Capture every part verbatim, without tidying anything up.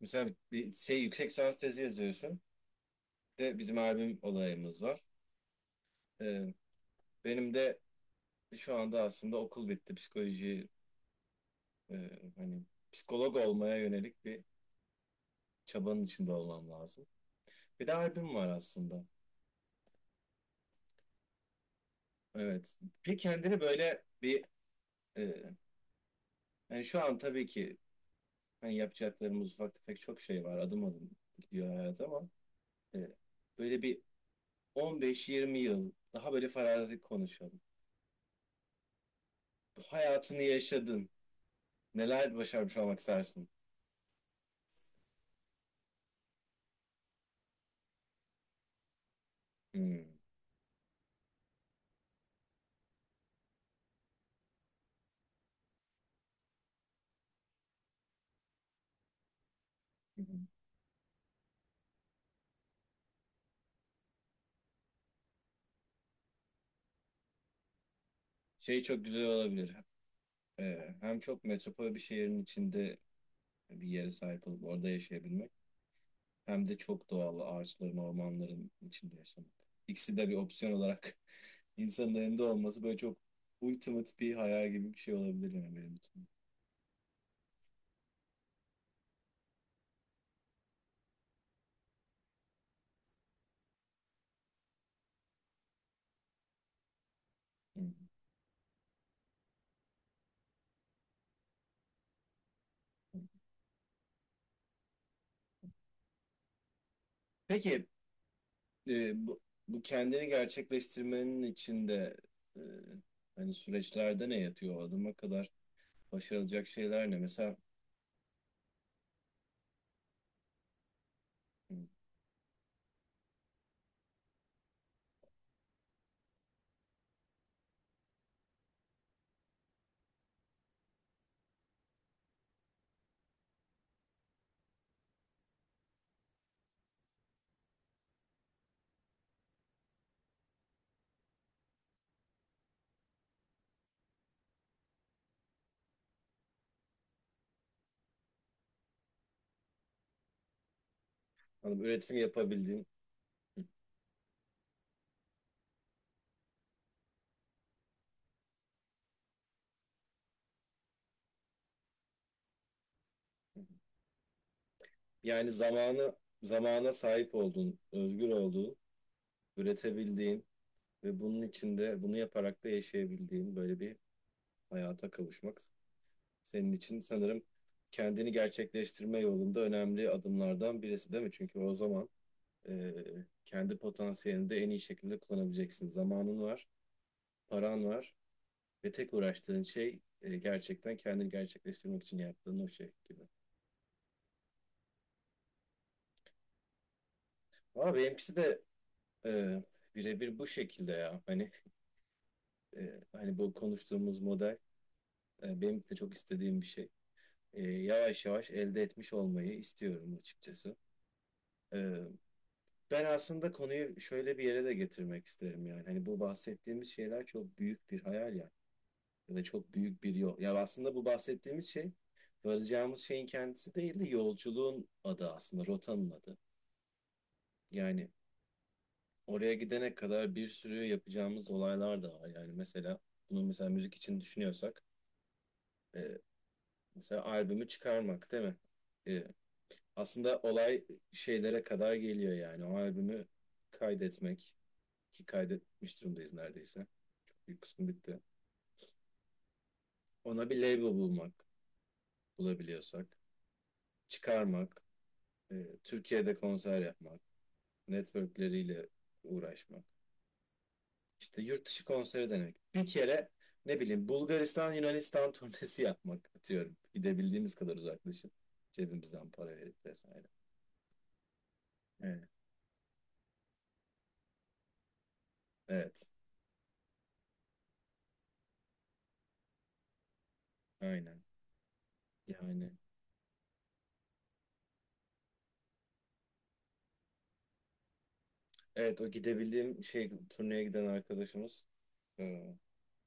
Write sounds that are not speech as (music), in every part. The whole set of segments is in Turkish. Mesela bir şey yüksek lisans tezi yazıyorsun. Bir De bizim albüm olayımız var. Ee, Benim de şu anda aslında okul bitti. Psikoloji e, hani psikolog olmaya yönelik bir çabanın içinde olmam lazım. Bir de albüm var aslında. Evet. Bir kendini böyle bir e, hani şu an tabii ki hani yapacaklarımız ufak tefek çok şey var. Adım adım gidiyor hayat ama e, böyle bir on beş yirmi yıl daha böyle farazi konuşalım. Hayatını yaşadın. Neler başarmış olmak istersin? Hmm. Hı hı. Şey çok güzel olabilir. Ee, hem çok metropol bir şehrin içinde bir yere sahip olup orada yaşayabilmek hem de çok doğal ağaçların, ormanların içinde yaşamak. İkisi de bir opsiyon olarak (laughs) insanın elinde olması böyle çok ultimate bir hayal gibi bir şey olabilir yani benim için. Hı hı. Peki e, bu, bu kendini gerçekleştirmenin içinde e, hani süreçlerde ne yatıyor? O adıma kadar başarılacak şeyler ne? Mesela hmm, hani üretim yapabildiğin. Hı. Yani zamanı zamana sahip olduğun, özgür olduğun, üretebildiğin ve bunun içinde bunu yaparak da yaşayabildiğin böyle bir hayata kavuşmak senin için sanırım kendini gerçekleştirme yolunda önemli adımlardan birisi değil mi? Çünkü o zaman e, kendi potansiyelini de en iyi şekilde kullanabileceksin. Zamanın var, paran var. Ve tek uğraştığın şey e, gerçekten kendini gerçekleştirmek için yaptığın o şey gibi. Ama benimkisi de e, birebir bu şekilde ya. Hani e, hani bu konuştuğumuz model e, benim de çok istediğim bir şey. E, yavaş yavaş elde etmiş olmayı istiyorum açıkçası. E, Ben aslında konuyu şöyle bir yere de getirmek isterim yani. Hani bu bahsettiğimiz şeyler çok büyük bir hayal ya. Ya da çok büyük bir yol. Ya aslında bu bahsettiğimiz şey varacağımız şeyin kendisi değil de yolculuğun adı aslında, rotanın adı. Yani oraya gidene kadar bir sürü yapacağımız olaylar da var. Yani mesela bunu mesela müzik için düşünüyorsak e, mesela albümü çıkarmak değil mi? E, Aslında olay şeylere kadar geliyor yani. O albümü kaydetmek, ki kaydetmiş durumdayız neredeyse. Bir kısmı bitti. Ona bir label bulmak, bulabiliyorsak. Çıkarmak. e, Türkiye'de konser yapmak. Networkleriyle uğraşmak. İşte yurt dışı konseri denemek. Bir kere ne bileyim Bulgaristan Yunanistan (laughs) turnesi yapmak atıyorum. Gidebildiğimiz kadar uzaklaşıp cebimizden para verip vesaire. Evet. Evet. Aynen. Yani evet, o gidebildiğim şey, turneye giden arkadaşımız e,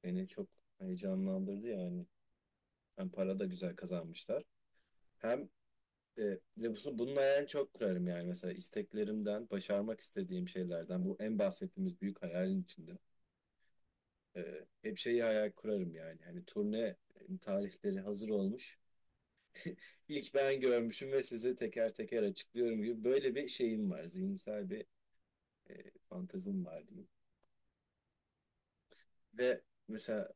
beni çok heyecanlandırdı yani. Hem para da güzel kazanmışlar. Hem e, ve bu- bunun hayalini çok kurarım yani, mesela isteklerimden, başarmak istediğim şeylerden bu, en bahsettiğimiz büyük hayalin içinde. Ee, hep şeyi hayal kurarım yani. Hani turne e, tarihleri hazır olmuş. İlk ben görmüşüm ve size teker teker açıklıyorum gibi böyle bir şeyim var. Zihinsel bir e, fantazim var diyeyim. Ve mesela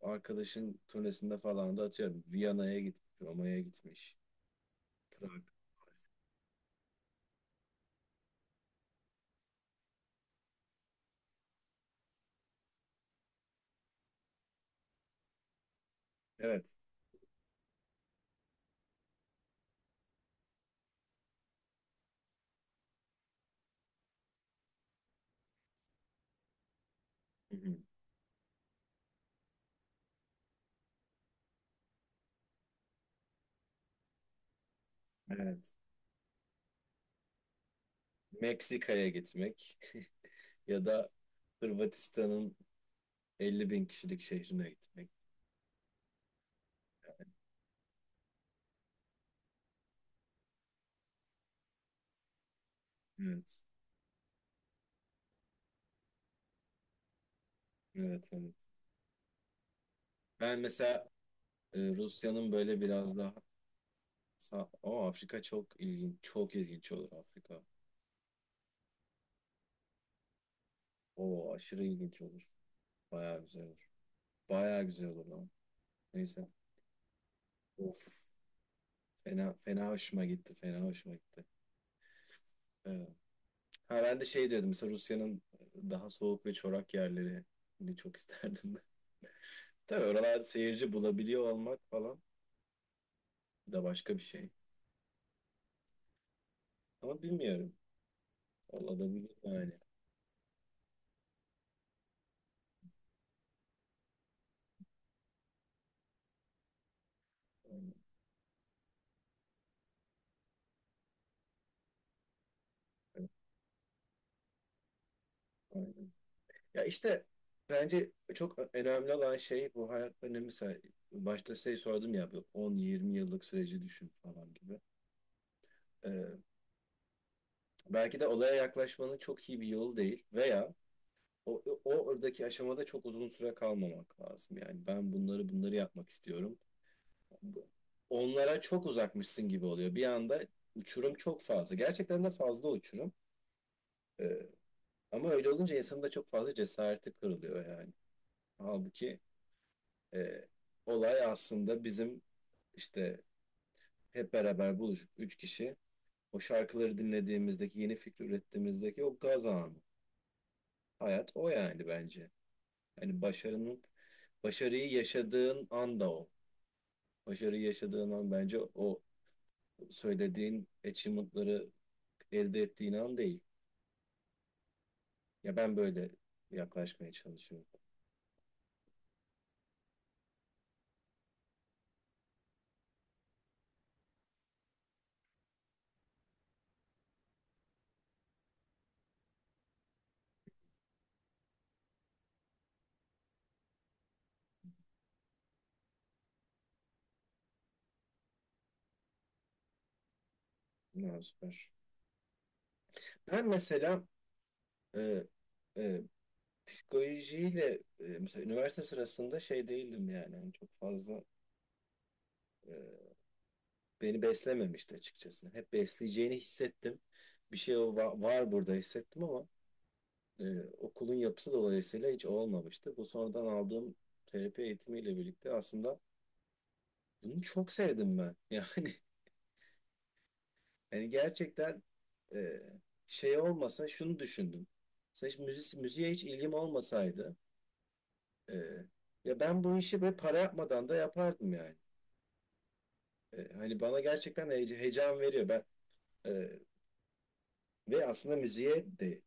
o arkadaşın turnesinde falan da atıyorum. Viyana'ya gitmiş, Roma'ya gitmiş. Prag. Evet. Hı hı. Evet. Meksika'ya gitmek (laughs) ya da Hırvatistan'ın elli bin kişilik şehrine gitmek. Evet. Evet, evet. Ben mesela Ee, Rusya'nın böyle biraz daha sağ... Ama Afrika çok ilginç. Çok ilginç olur Afrika. O aşırı ilginç olur. Bayağı güzel olur. Bayağı güzel olur lan. Neyse. Of. Fena, fena hoşuma gitti. Fena hoşuma gitti. Ee, ha ben de şey diyordum. Mesela Rusya'nın e, daha soğuk ve çorak yerlerini çok isterdim ben. (laughs) Tabii oralarda seyirci bulabiliyor olmak falan da başka bir şey. Ama bilmiyorum. Olabilir yani. Ya işte bence çok önemli olan şey bu hayat önemi. Mesela başta şey sordum ya, bu on yirmi yıllık süreci düşün falan gibi. Ee, Belki de olaya yaklaşmanın çok iyi bir yolu değil, veya o, o oradaki aşamada çok uzun süre kalmamak lazım. Yani ben bunları bunları yapmak istiyorum. Onlara çok uzakmışsın gibi oluyor. Bir anda uçurum çok fazla. Gerçekten de fazla uçurum. Ee, Ama öyle olunca insanın da çok fazla cesareti kırılıyor yani. Halbuki E, olay aslında bizim işte hep beraber buluşup üç kişi o şarkıları dinlediğimizdeki, yeni fikir ürettiğimizdeki o gaz anı. Hayat o yani bence. Yani başarının, başarıyı yaşadığın an da o. Başarıyı yaşadığın an bence o söylediğin achievement'ları elde ettiğin an değil. Ya ben böyle yaklaşmaya çalışıyorum. Ne süper. Ben mesela e, e, psikolojiyle e, mesela üniversite sırasında şey değildim yani. Hani çok fazla Ee, beni beslememişti açıkçası. Hep besleyeceğini hissettim. Bir şey o va- var burada hissettim ama e, okulun yapısı dolayısıyla hiç olmamıştı. Bu sonradan aldığım terapi eğitimiyle birlikte aslında bunu çok sevdim ben. (laughs) Yani yani gerçekten e, şey olmasa şunu düşündüm. Mesela hiç müzi- müziğe hiç ilgim olmasaydı e, ya ben bu işi böyle para yapmadan da yapardım yani. E, hani bana gerçekten heye- heyecan veriyor. Ben e, ve aslında müziğe de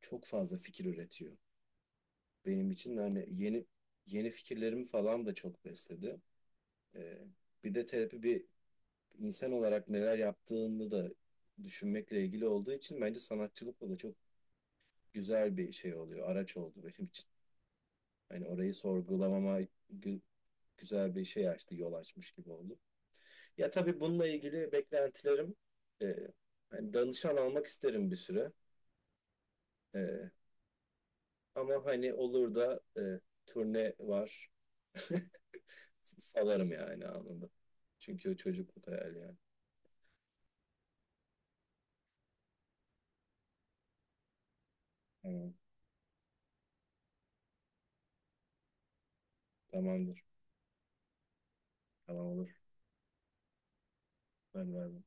çok fazla fikir üretiyor. Benim için hani yeni yeni fikirlerimi falan da çok besledi. Ee, Bir de terapi, bir insan olarak neler yaptığını da düşünmekle ilgili olduğu için bence sanatçılıkla da çok güzel bir şey oluyor. Araç oldu benim için. Hani orayı sorgulamama gü- güzel bir şey açtı, yol açmış gibi oldu. Ya tabii bununla ilgili beklentilerim e, hani danışan almak isterim bir süre. E, Ama hani olur da e, turne var. (laughs) Salarım yani anında. Çünkü o çocukluk hayali yani. Tamam. Tamamdır. Tamam olur. Ben vermem.